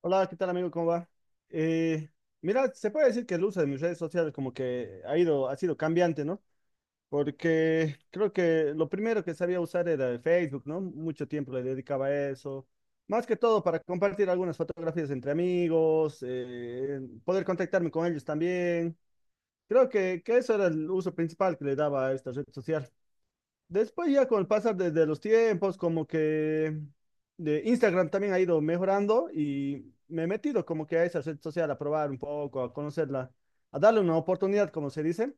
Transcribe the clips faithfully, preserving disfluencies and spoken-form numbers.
Hola, ¿qué tal amigo? ¿Cómo va? Eh, Mira, se puede decir que el uso de mis redes sociales como que ha ido, ha sido cambiante, ¿no? Porque creo que lo primero que sabía usar era el Facebook, ¿no? Mucho tiempo le dedicaba a eso. Más que todo para compartir algunas fotografías entre amigos, eh, poder contactarme con ellos también. Creo que, que eso era el uso principal que le daba a esta red social. Después ya con el pasar de, de los tiempos, como que de Instagram también ha ido mejorando y me he metido como que a esa red social a probar un poco, a conocerla, a darle una oportunidad, como se dice.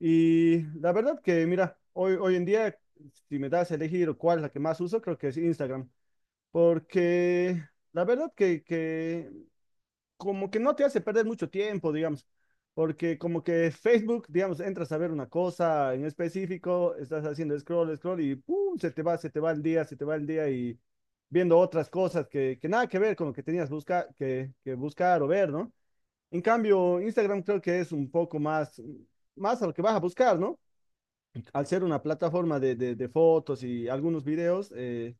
Y la verdad que, mira, hoy, hoy en día, si me das a elegir cuál es la que más uso, creo que es Instagram, porque la verdad que, que como que no te hace perder mucho tiempo, digamos, porque como que Facebook, digamos, entras a ver una cosa en específico, estás haciendo scroll, scroll y ¡pum! se te va, se te va el día, se te va el día y viendo otras cosas que, que nada que ver con lo que tenías busca, que, que buscar o ver, ¿no? En cambio, Instagram creo que es un poco más, más a lo que vas a buscar, ¿no? Al ser una plataforma de, de, de fotos y algunos videos, eh,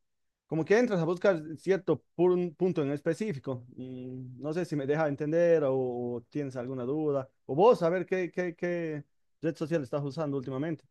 como que entras a buscar cierto pun- punto en específico. Y no sé si me deja entender o, o tienes alguna duda, o vos, a ver qué, qué, qué red social estás usando últimamente.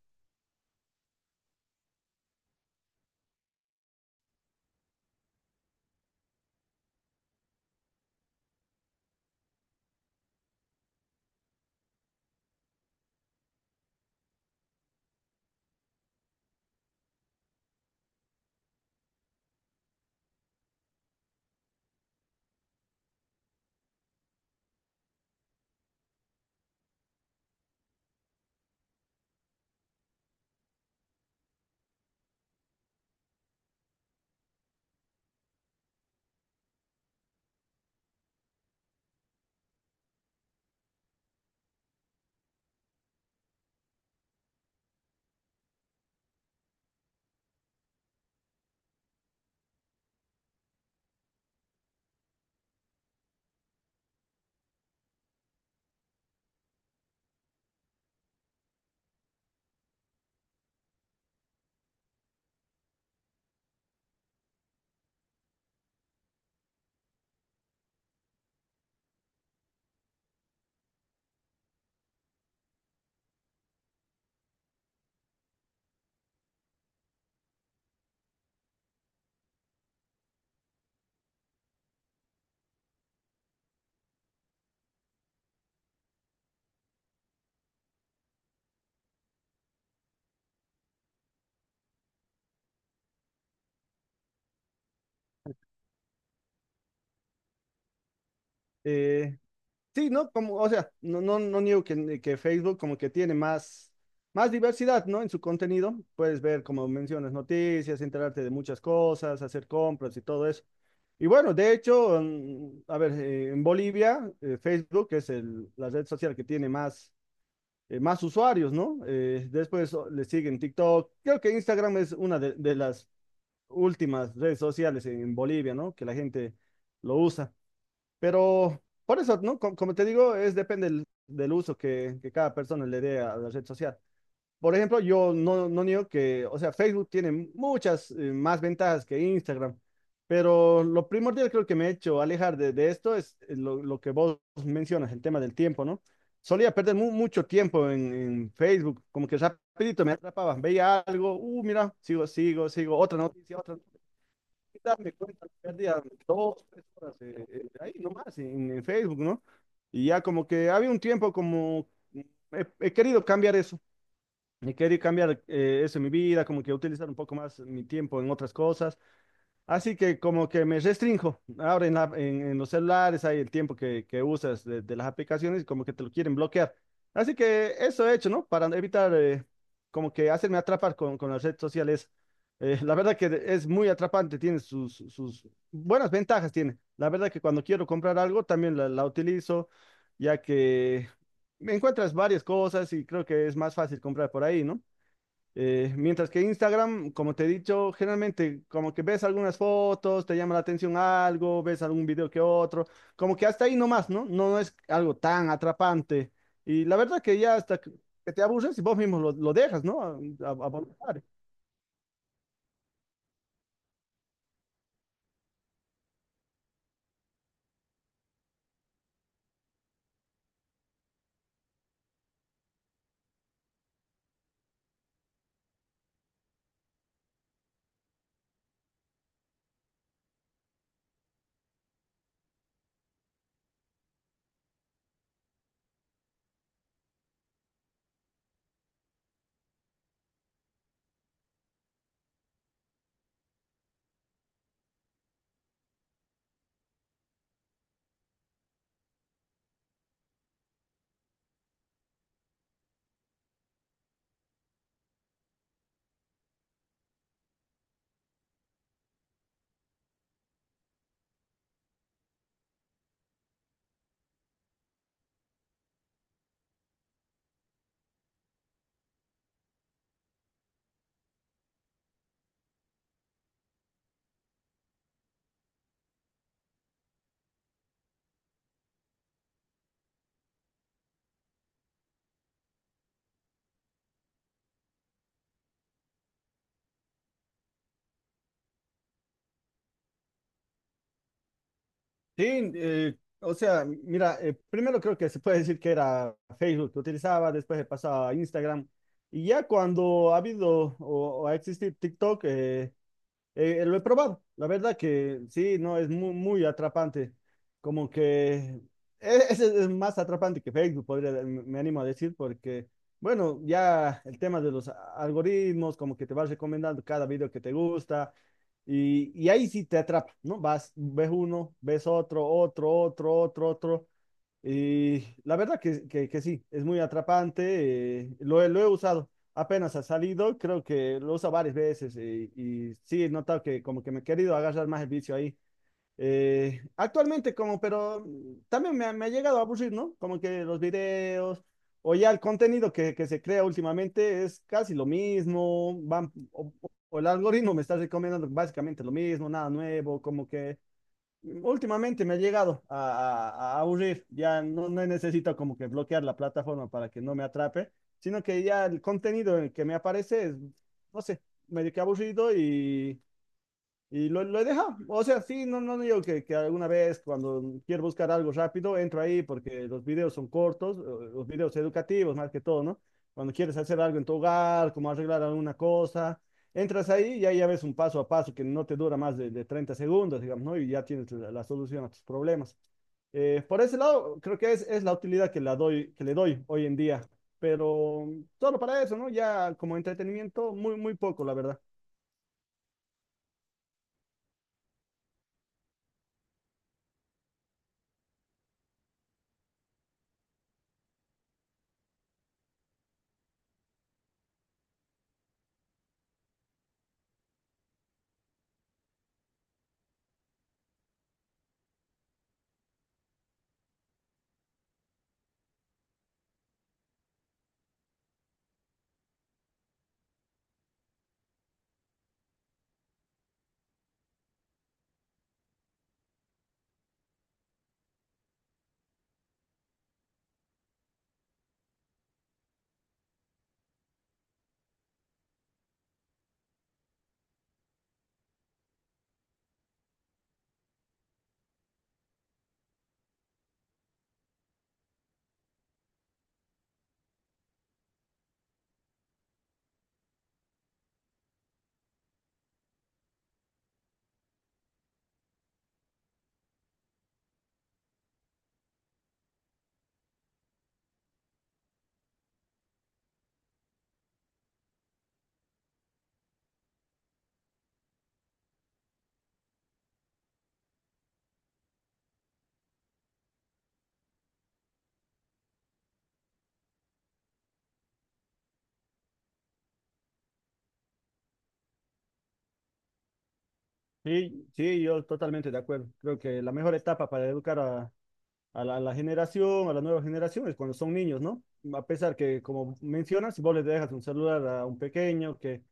Eh, Sí, ¿no? Como, o sea, no, no, no niego que, que Facebook como que tiene más, más diversidad, ¿no? En su contenido. Puedes ver, como mencionas, noticias, enterarte de muchas cosas, hacer compras y todo eso. Y bueno, de hecho, mm, a ver, eh, en Bolivia, eh, Facebook es el, la red social que tiene más, eh, más usuarios, ¿no? Eh, después o- le siguen TikTok. Creo que Instagram es una de, de las últimas redes sociales en Bolivia, ¿no? Que la gente lo usa. Pero por eso, ¿no? Co- Como, te digo, es depende del, del uso que, que cada persona le dé a la red social. Por ejemplo, yo no, no niego que, o sea, Facebook tiene muchas eh, más ventajas que Instagram, pero lo primordial creo que me he hecho alejar de, de esto es eh, lo, lo que vos mencionas, el tema del tiempo, ¿no? Solía perder mu- mucho tiempo en, en Facebook, como que rapidito me atrapaba, veía algo, uh, mira, sigo, sigo, sigo, otra noticia, otra darme cuenta, perdía dos, tres horas eh, eh, ahí nomás en, en Facebook, ¿no? Y ya como que había un tiempo como mm, he, he querido cambiar eso, he querido cambiar eh, eso en mi vida, como que utilizar un poco más mi tiempo en otras cosas. Así que como que me restrinjo ahora en, la- en- en los celulares, hay el tiempo que, que usas de, de las aplicaciones y como que te lo quieren bloquear. Así que eso he hecho, ¿no? Para evitar eh, como que hacerme atrapar con, con las redes sociales. Eh, la verdad que de- es muy atrapante, tiene sus, sus buenas ventajas, tiene. La verdad que cuando quiero comprar algo también la, la utilizo, ya que me encuentras varias cosas y creo que es más fácil comprar por ahí, ¿no? Eh, mientras que Instagram, como te he dicho, generalmente como que ves algunas fotos, te llama la atención algo, ves algún video que otro, como que hasta ahí nomás, ¿no? No es algo tan atrapante. Y la verdad que ya hasta que que te aburres y vos mismo lo, lo dejas, ¿no? A, a- a voluntad. Sí, eh, o sea, mira, eh, primero creo que se puede decir que era Facebook que utilizaba, después he pasado a Instagram. Y ya cuando ha habido o, o ha existido TikTok, eh, Eh, lo he probado, la verdad que sí, no, es muy, muy atrapante, como que e- ese es más atrapante que Facebook, podría, me me animo a decir, porque, bueno, ya el tema de los a- algoritmos, como que te vas recomendando cada video que te gusta, y, y ahí sí te atrapa, ¿no? Vas, ves uno, ves otro, otro, otro, otro, otro. Y la verdad que, que- que sí, es muy atrapante, eh, lo, he lo he usado, apenas ha salido, creo que lo uso varias veces eh, y, sí, he notado que como que me he querido agarrar más el vicio ahí. Eh, actualmente como, pero mm, también me, ha me ha llegado a aburrir, ¿no? Como que los videos o ya el contenido que, que se crea últimamente es casi lo mismo, van, o, o el algoritmo me está recomendando básicamente lo mismo, nada nuevo, como que últimamente me ha llegado a, a- a aburrir. Ya no, no necesito como que bloquear la plataforma para que no me atrape, sino que ya el contenido en el que me aparece es, no sé, medio que aburrido y y lo, lo he dejado. O sea, sí, no, no digo que, que alguna vez cuando quiero buscar algo rápido, entro ahí porque los videos son cortos, eh, los videos educativos más que todo, ¿no? Cuando quieres hacer algo en tu hogar, como arreglar alguna cosa, entras ahí y ahí ya ves un paso a paso que no te dura más de, de treinta segundos, digamos, ¿no? Y ya tienes la, la solución a tus problemas. Eh, por ese lado, creo que es, es la utilidad que, la doy, que le doy hoy en día, pero solo para eso, ¿no? Ya como entretenimiento, muy, muy poco, la verdad. Sí, sí, yo totalmente de acuerdo. Creo que la mejor etapa para educar a, a la, a la generación, a la nueva generación, es cuando son niños, ¿no? A pesar que, como mencionas, si vos le dejas un celular a un pequeño, que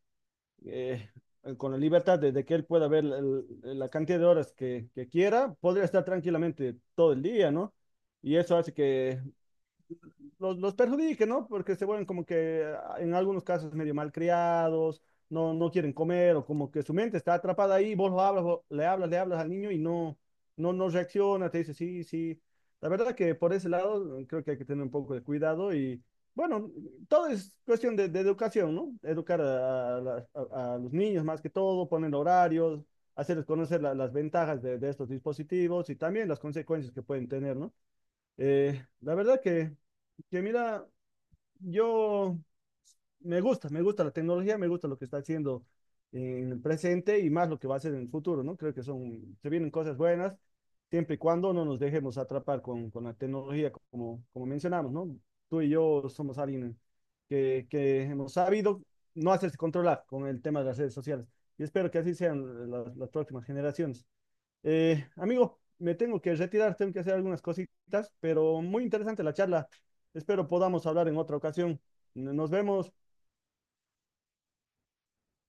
eh, con la libertad de, de que él pueda ver el- la cantidad de horas que, que quiera, podría estar tranquilamente todo el día, ¿no? Y eso hace que los, los perjudique, ¿no? Porque se vuelven como que ah, en algunos casos medio malcriados, no, no quieren comer o como que su mente está atrapada ahí, vos lo hablas, vos- le hablas, le hablas al niño y no, no, no reacciona, te dice sí, sí. La verdad que por ese lado eh, creo que hay que tener un poco de cuidado y bueno, todo es cuestión de, de educación, ¿no? Educar a, a la- a- a los niños más que todo, poner horarios, hacerles conocer la- las ventajas de, de estos dispositivos y también las consecuencias que pueden tener, ¿no? Eh, la verdad que que mira, yo me gusta, me gusta la tecnología, me gusta lo que está haciendo en el presente y más lo que va a hacer en el futuro, ¿no? Creo que son, se vienen cosas buenas, siempre y cuando no nos dejemos atrapar con, con la tecnología, como, como mencionamos, ¿no? Tú y yo somos alguien que, que hemos sabido no hacerse controlar con el tema de las redes sociales. Y espero que así sean las, las próximas generaciones. Eh, amigo, me tengo que retirar, tengo que hacer algunas cositas, pero muy interesante la charla. Espero podamos hablar en otra ocasión. Nos vemos.